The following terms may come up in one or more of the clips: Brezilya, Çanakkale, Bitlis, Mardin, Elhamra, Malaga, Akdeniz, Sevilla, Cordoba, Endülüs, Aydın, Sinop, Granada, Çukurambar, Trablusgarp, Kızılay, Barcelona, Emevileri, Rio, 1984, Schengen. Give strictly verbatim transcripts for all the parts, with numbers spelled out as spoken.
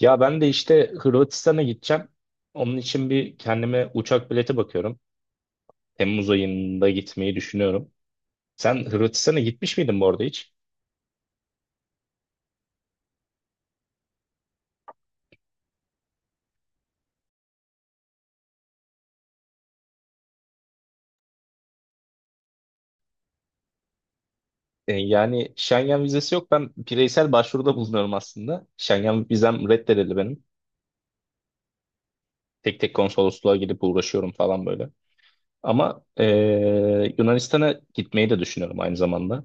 Ya ben de işte Hırvatistan'a gideceğim. Onun için bir kendime uçak bileti bakıyorum. Temmuz ayında gitmeyi düşünüyorum. Sen Hırvatistan'a gitmiş miydin bu arada hiç? E, yani Schengen vizesi yok. Ben bireysel başvuruda bulunuyorum aslında. Schengen vizem reddedildi benim. Tek tek konsolosluğa gidip uğraşıyorum falan böyle. Ama e, Yunanistan'a gitmeyi de düşünüyorum aynı zamanda.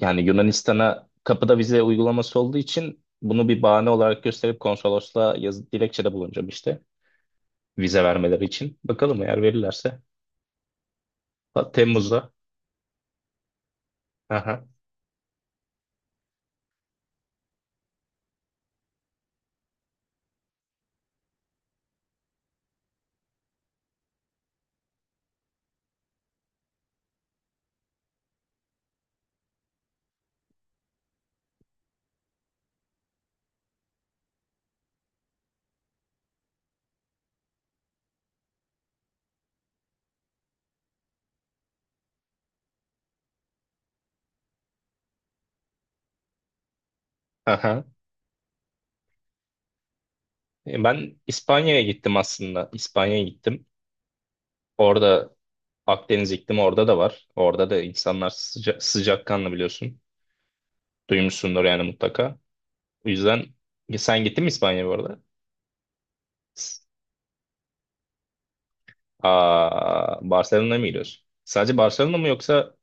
Yani Yunanistan'a kapıda vize uygulaması olduğu için bunu bir bahane olarak gösterip konsolosluğa yazı dilekçede bulunacağım işte. Vize vermeleri için. Bakalım eğer verirlerse. Ha, Temmuz'da. Aha, aha. E, Ben İspanya'ya gittim aslında. İspanya'ya gittim. Orada Akdeniz iklimi orada da var. Orada da insanlar sıca sıcakkanlı biliyorsun. Duymuşsundur yani mutlaka. O yüzden E, sen gittin mi İspanya'ya bu arada? S- Aa, Barcelona'ya mı gidiyorsun? Sadece Barcelona mı yoksa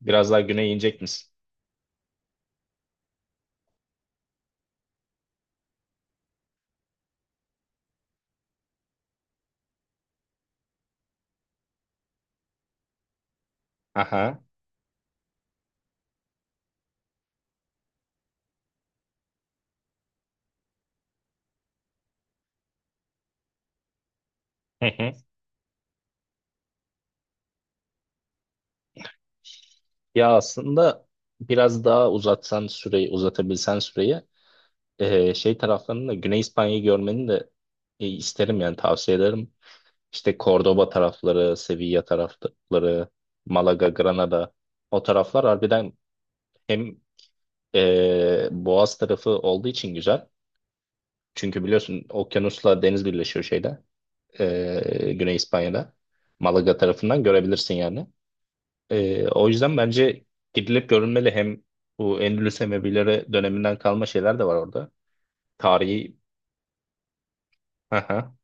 biraz daha güneye inecek misin? Aha. Hı hı. Ya aslında biraz daha uzatsan süreyi, uzatabilsen süreyi e, şey taraflarını da Güney İspanya'yı görmeni de e, isterim yani tavsiye ederim. İşte Cordoba tarafları, Sevilla tarafları, Malaga, Granada o taraflar harbiden hem e, Boğaz tarafı olduğu için güzel. Çünkü biliyorsun okyanusla deniz birleşiyor şeyde e, Güney İspanya'da. Malaga tarafından görebilirsin yani. E, o yüzden bence gidilip görülmeli hem bu Endülüs Emevileri döneminden kalma şeyler de var orada. Tarihi. Aha.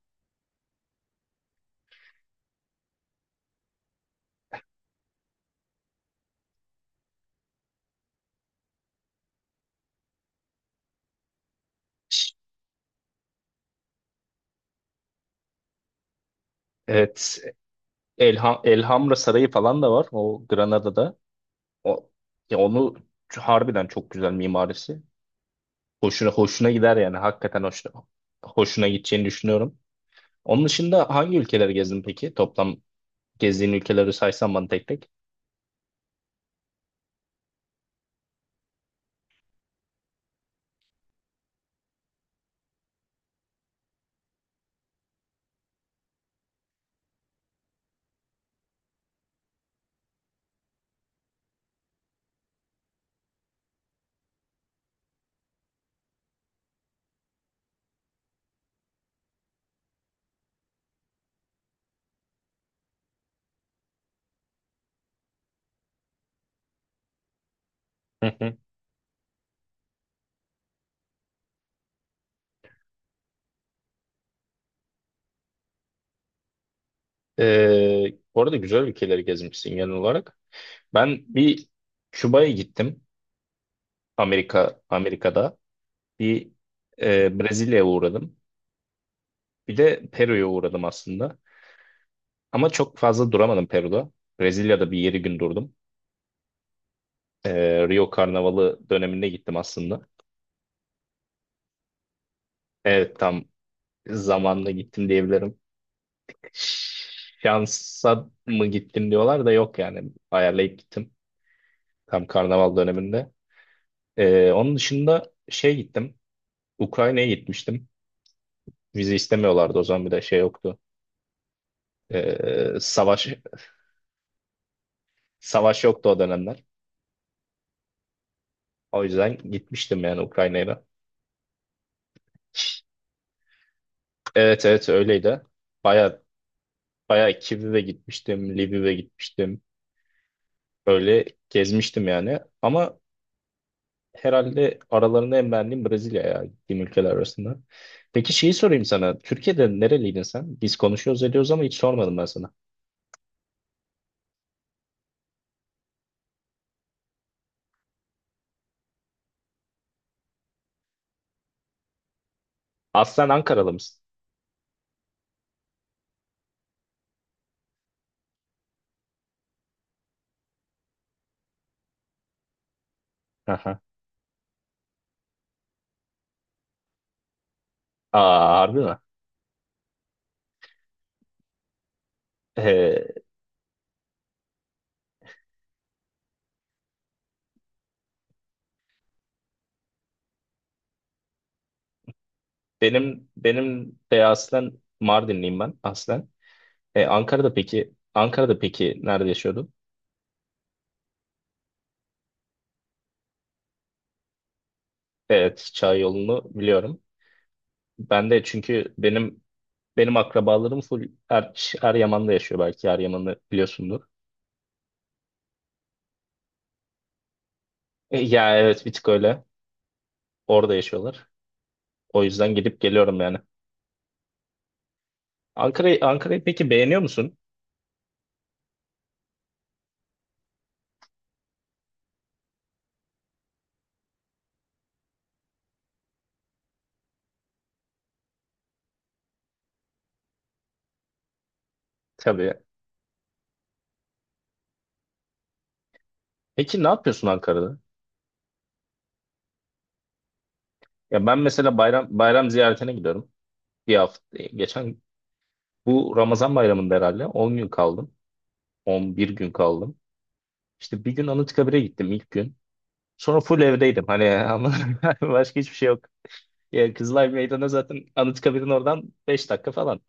Evet, Elha- Elhamra Sarayı falan da var o Granada'da. O ya onu ç- harbiden çok güzel mimarisi. Hoşuna hoşuna gider yani hakikaten hoşuna hoşuna gideceğini düşünüyorum. Onun dışında hangi ülkeleri gezdin peki? Toplam gezdiğin ülkeleri saysan bana tek tek. Hı hı. Ee, bu arada güzel ülkeleri gezmişsin genel olarak. Ben bir Küba'ya gittim. Amerika Amerika'da bir e, Brezilya'ya uğradım. Bir de Peru'ya uğradım aslında. Ama çok fazla duramadım Peru'da. Brezilya'da bir yedi gün durdum. Ee, Rio Karnavalı döneminde gittim aslında. Evet, tam zamanla gittim diyebilirim. Şansa mı gittim diyorlar da yok yani. Ayarlayıp gittim tam karnaval döneminde. Ee, onun dışında şey gittim. Ukrayna'ya gitmiştim. Vize istemiyorlardı o zaman, bir de şey yoktu. Ee, savaş savaş yoktu o dönemler. O yüzden gitmiştim yani Ukrayna'ya da. Evet, evet, öyleydi. Bayağı Bayağı Kiev'e gitmiştim, Lviv'e gitmiştim. Böyle gezmiştim yani. Ama herhalde aralarında en beğendiğim Brezilya ya gittiğim ülkeler arasında. Peki şeyi sorayım sana. Türkiye'de nereliydin sen? Biz konuşuyoruz ediyoruz ama hiç sormadım ben sana. Aslen Ankaralı mısın? Aha. Aa, harbi mi? Ee, benim benim de aslen Mardinliyim ben aslen. Ee, Ankara'da peki Ankara'da peki nerede yaşıyordun? Evet, Çay yolunu biliyorum. Ben de çünkü benim Benim akrabalarım full Er- Eryaman'da yaşıyor belki. Eryaman'ı biliyorsundur. E, ya evet, bir tık öyle. Orada yaşıyorlar. O yüzden gidip geliyorum yani. Ankara'yı Ankara'yı peki beğeniyor musun? Tabii. Peki ne yapıyorsun Ankara'da? Ya ben mesela bayram bayram ziyaretine gidiyorum. Bir hafta e, geçen bu Ramazan bayramında herhalde on gün kaldım. on bir gün kaldım. İşte bir gün Anıtkabir'e gittim ilk gün. Sonra full evdeydim. Hani ama başka hiçbir şey yok. Ya Kızılay Meydanı zaten Anıtkabir'in oradan beş dakika falan.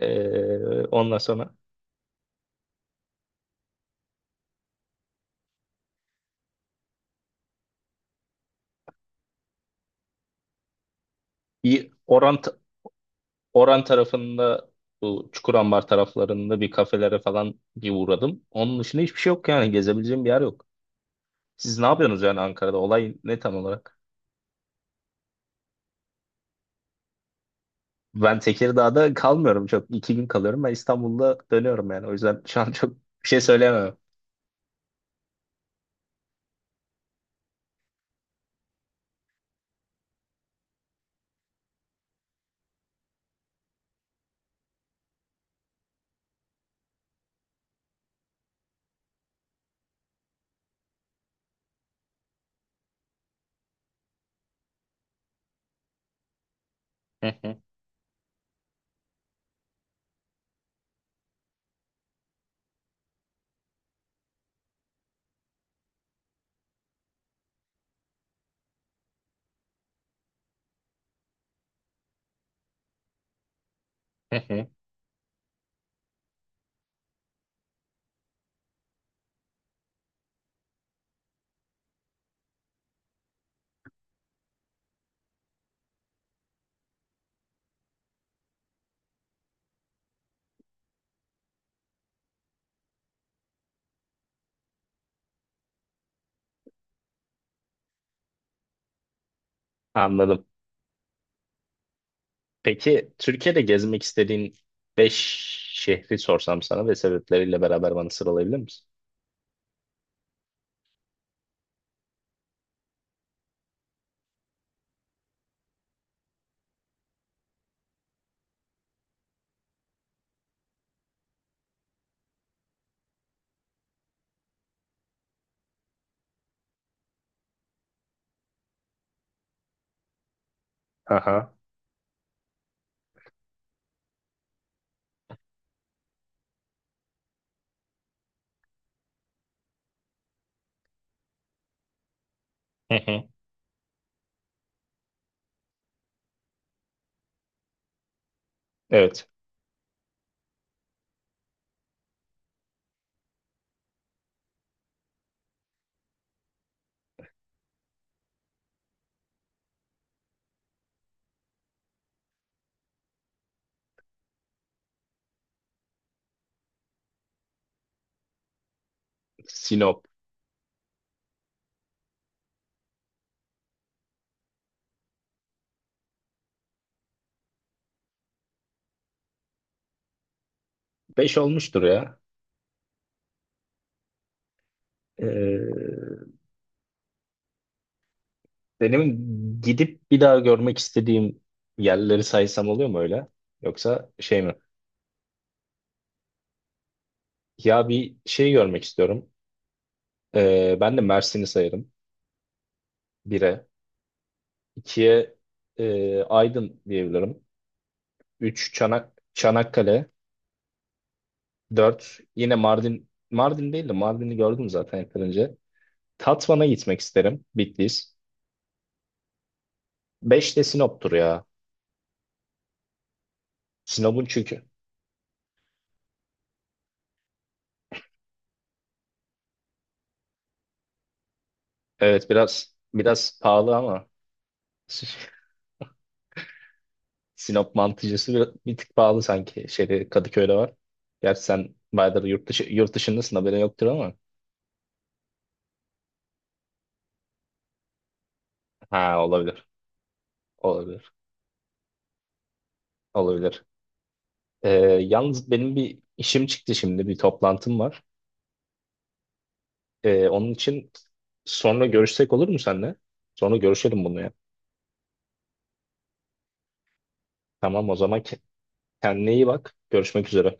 Ee, ondan sonra iyi Oran Oran tarafında, bu Çukurambar taraflarında bir kafelere falan bir uğradım. Onun dışında hiçbir şey yok yani, gezebileceğim bir yer yok. Siz ne yapıyorsunuz yani Ankara'da? Olay ne tam olarak? Ben Tekirdağ'da kalmıyorum çok. iki gün kalıyorum. Ben İstanbul'da dönüyorum yani. O yüzden şu an çok bir şey söyleyemem. Hı hı, hı hı. Anladım. Peki Türkiye'de gezmek istediğin beş şehri sorsam sana ve sebepleriyle beraber bana sıralayabilir misin? Aha. Hı hı. Evet. Sinop. Beş olmuştur ya. Ee, benim gidip bir daha görmek istediğim yerleri saysam oluyor mu öyle? Yoksa şey mi? Ya bir şey görmek istiyorum. Ee, ben de Mersin'i sayarım. bire. ikiye e, Aydın diyebilirim. Üç Çanak, Çanakkale. Dört yine Mardin. Mardin değil de, Mardin'i gördüm zaten yakın önce. Tatvan'a gitmek isterim. Bitlis. Beş de Sinop'tur ya. Sinop'un çünkü. Evet, biraz biraz pahalı ama. Sinop mantıcısı bir, bir tık pahalı sanki. Şeyde Kadıköy'de var. Gerçi sen bayağıdır yurt dışı, yurt dışındasın, haberin yoktur ama. Ha, olabilir. Olabilir. Olabilir. Ee, yalnız benim bir işim çıktı şimdi. Bir toplantım var. Ee, onun için sonra görüşsek olur mu seninle? Sonra görüşelim bunu ya. Tamam, o zaman ke- kendine iyi bak. Görüşmek üzere.